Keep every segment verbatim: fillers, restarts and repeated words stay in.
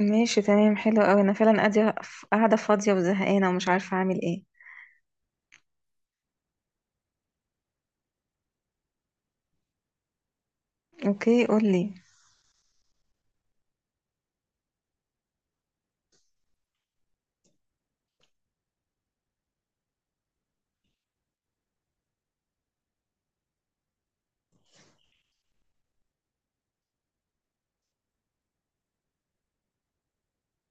ماشي، تمام، حلو قوي. انا فعلا قاعده قاعده فاضيه وزهقانه ومش عارفه اعمل ايه. اوكي، قولي.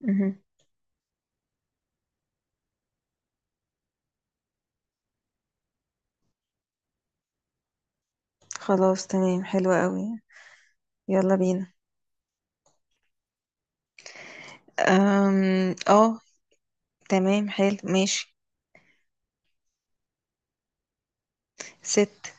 مهم. خلاص، تمام، حلو قوي. يلا بينا. أم... اه. تمام، حلو، ماشي. ست.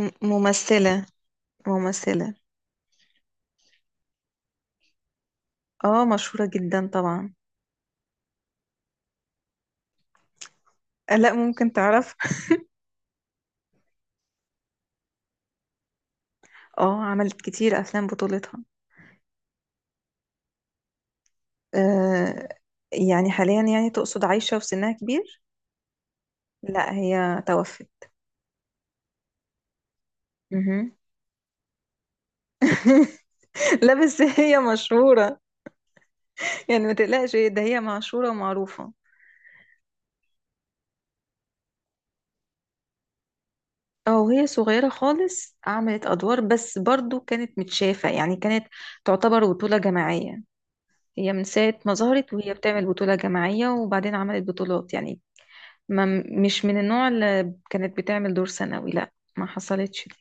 م- ممثله ممثله اه، مشهوره جدا طبعا. آه، لا، ممكن تعرف. اه، عملت كتير افلام بطولتها. أه... يعني حاليا، يعني تقصد عايشه وسنها كبير؟ لا، هي توفت. مهم. لا، بس هي مشهورة. يعني ما تقلقش، ده هي معشورة ومعروفة. او هي صغيرة خالص عملت ادوار، بس برضو كانت متشافة، يعني كانت تعتبر بطولة جماعية. هي من ساعة ما ظهرت وهي بتعمل بطولة جماعية، وبعدين عملت بطولات يعني. ما مش من النوع اللي كانت بتعمل دور ثانوي، لا. ما حصلتش دي.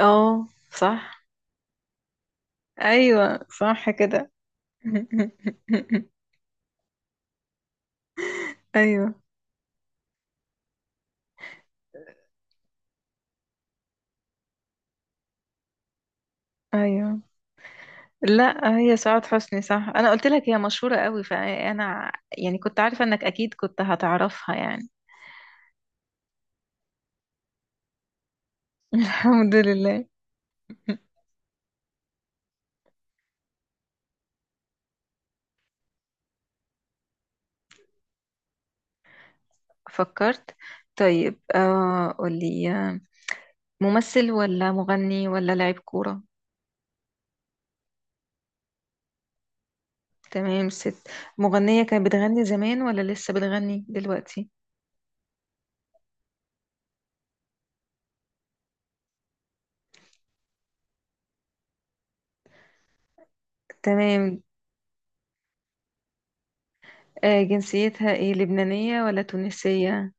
اه، صح. ايوه، صح كده. ايوه ايوه. لا، هي سعاد حسني صح. انا قلت لك هي مشهورة قوي، فانا يعني كنت عارفة انك اكيد كنت هتعرفها يعني. الحمد لله. فكرت. طيب، آه قولي. آه، ممثل ولا مغني ولا لاعب كورة؟ تمام، ست. مغنية. كانت بتغني زمان ولا لسه بتغني دلوقتي؟ تمام. آه جنسيتها ايه، لبنانية ولا تونسية؟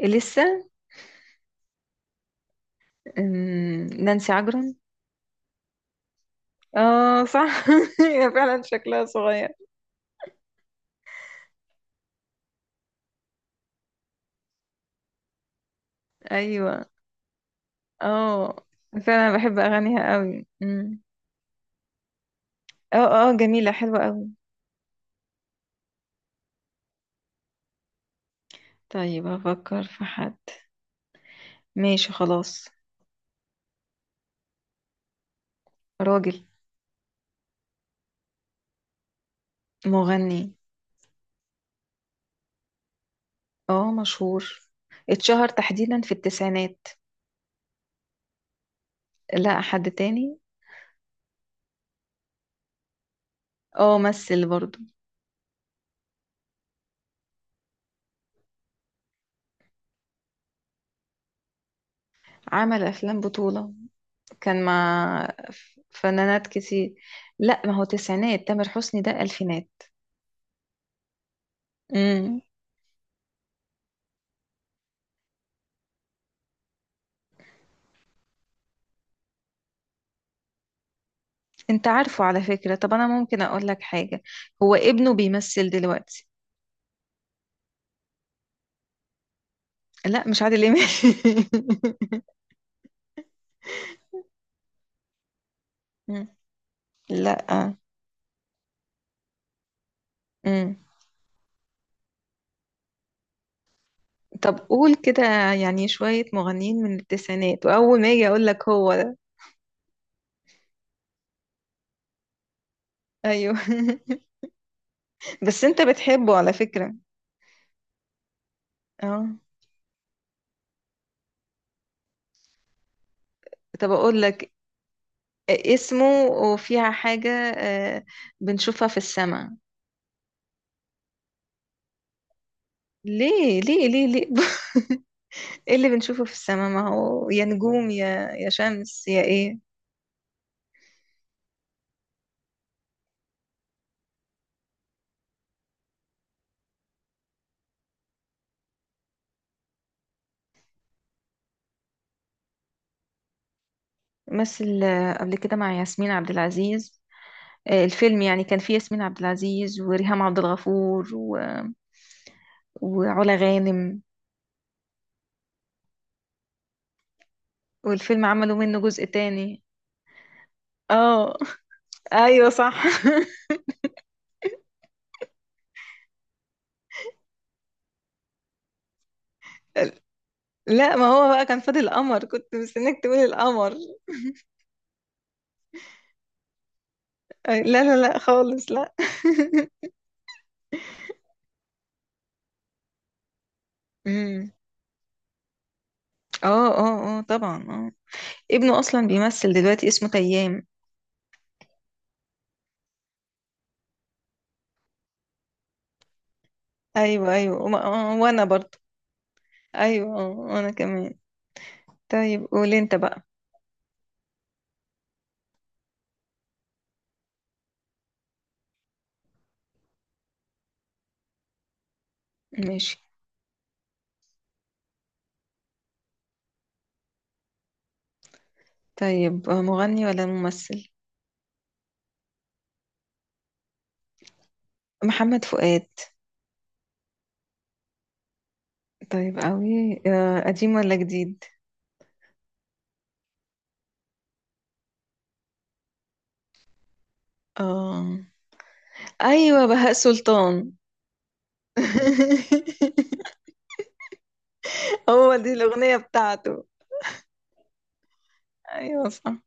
إيه، لسه؟ أمم، نانسي عجرم. اه، صح. هي فعلا شكلها صغير. ايوه، اه، فعلا بحب اغانيها قوي امم اه، اه، جميلة، حلوة قوي. طيب، هفكر في حد. ماشي، خلاص. راجل. مغني. اه، مشهور. اتشهر تحديدا في التسعينات. لا، حد تاني. اه، مثل برضو. عمل افلام بطولة. كان مع ف- فنانات كتير. لا، ما هو تسعينات. تامر حسني ده الفينات. امم انت عارفه على فكرة. طب انا ممكن اقول لك حاجة؟ هو ابنه بيمثل دلوقتي. لا، مش عادل امام. مم. لا، مم. طب، قول كده. يعني شوية مغنيين من التسعينات، وأول ما أجي أقول لك هو ده. أيوه. بس أنت بتحبه على فكرة. اه. طب، أقول لك اسمه، وفيها حاجة. آه، بنشوفها في السماء. ليه؟ ليه؟ ليه؟ ليه؟ ايه اللي بنشوفه في السماء؟ ما هو يا نجوم، يا يا شمس، يا ايه. مثل آه، قبل كده مع ياسمين عبد العزيز. آه، الفيلم يعني كان فيه ياسمين عبد العزيز وريهام عبد الغفور و... وعلا غانم. والفيلم عملوا منه جزء تاني. اه. ايوه، صح. لا، ما هو بقى كان فاضل القمر، كنت مستنيك تقولي القمر. أي- لا، لا، لا، خالص، لا. امم اه، اه، اه، طبعا، اه. ابنه اصلا بيمثل دلوقتي، اسمه تيام. ايوه، ايوه، وما- آه، وانا برضو. ايوه، آه، وانا كمان. طيب، قول انت بقى. ماشي، طيب. آه، مغني ولا ممثل؟ محمد فؤاد. طيب قوي. آه، قديم ولا جديد؟ آه. ايوه، بهاء سلطان. هو دي الاغنيه بتاعته؟ ايوه، صح.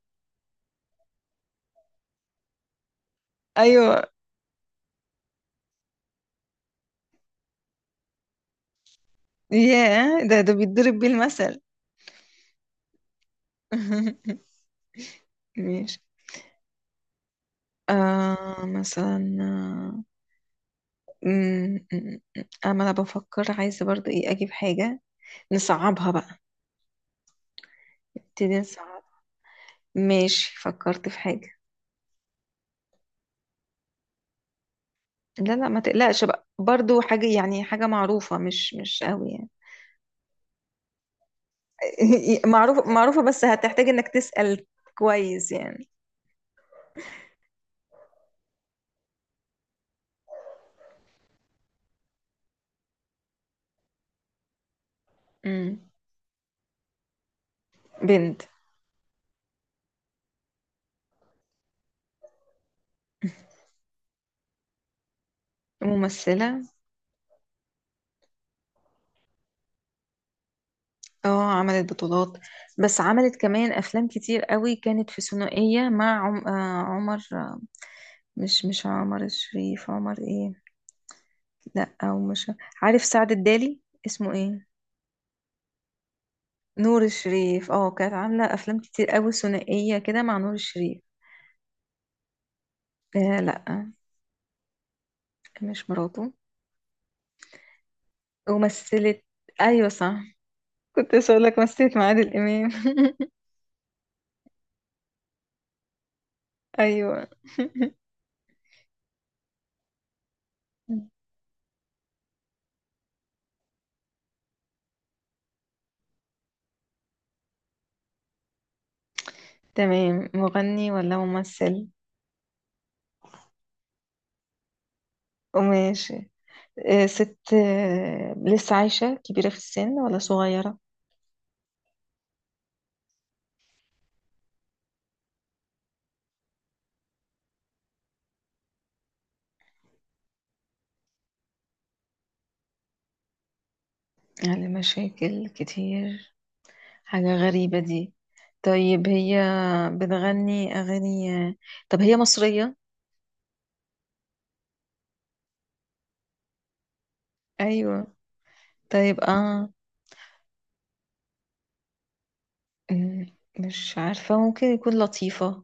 ايوه. ياه، ده ده بيتضرب بيه المثل. ماشي. آه مثلا، آه، م- م- م- اما انا بفكر عايزه برضو ايه اجيب حاجه نصعبها بقى. نبتدي نصعب. ماشي، فكرت في حاجه. لا، لا، ما تقلقش بقى، برضو حاجه يعني حاجه معروفه مش مش قوي يعني. معروفة، معروفة، بس هتحتاج انك تسأل كويس يعني. امم بنت. ممثلة. اه، عملت بطولات. بس عملت كمان أفلام كتير قوي. كانت في ثنائية مع عم... آه عمر. مش مش عمر الشريف، عمر ايه؟ لا، أو مش. عارف سعد الدالي اسمه ايه. نور الشريف، اه. كانت عاملة أفلام كتير قوي ثنائية كده مع نور الشريف. آه لا، مش مراته. ومثلت. أيوة، صح. كنت لسه أقول لك مثلت مع عادل إمام. أيوة. تمام. مغني ولا ممثل؟ وماشي. آه، ست. آه، لسه عايشة كبيرة في السن ولا صغيرة؟ يعني مشاكل كتير؟ حاجة غريبة دي. طيب، هي بتغني أغاني. طب هي مصرية؟ أيوة. طيب آه مم، مش عارفة ممكن يكون لطيفة.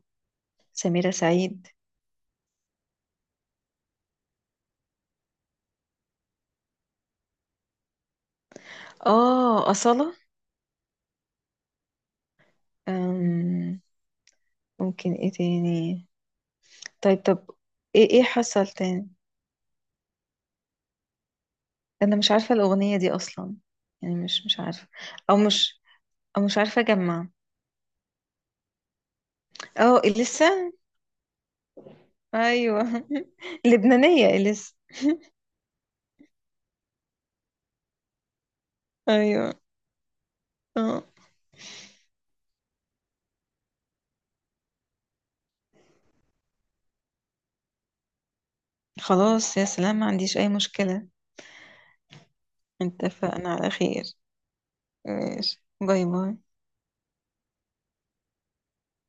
سميرة سعيد. آه أصالة. أم، ممكن إيه تاني. طيب، طب. إيه إيه حصل تاني؟ انا مش عارفه الاغنيه دي اصلا. يعني مش مش عارفه. او مش او مش عارفه اجمع. اه، اليسا. ايوه. لبنانيه اليسا. ايوه، اه. خلاص، يا سلام، ما عنديش اي مشكله. اتفقنا على خير. ماشي، باي باي.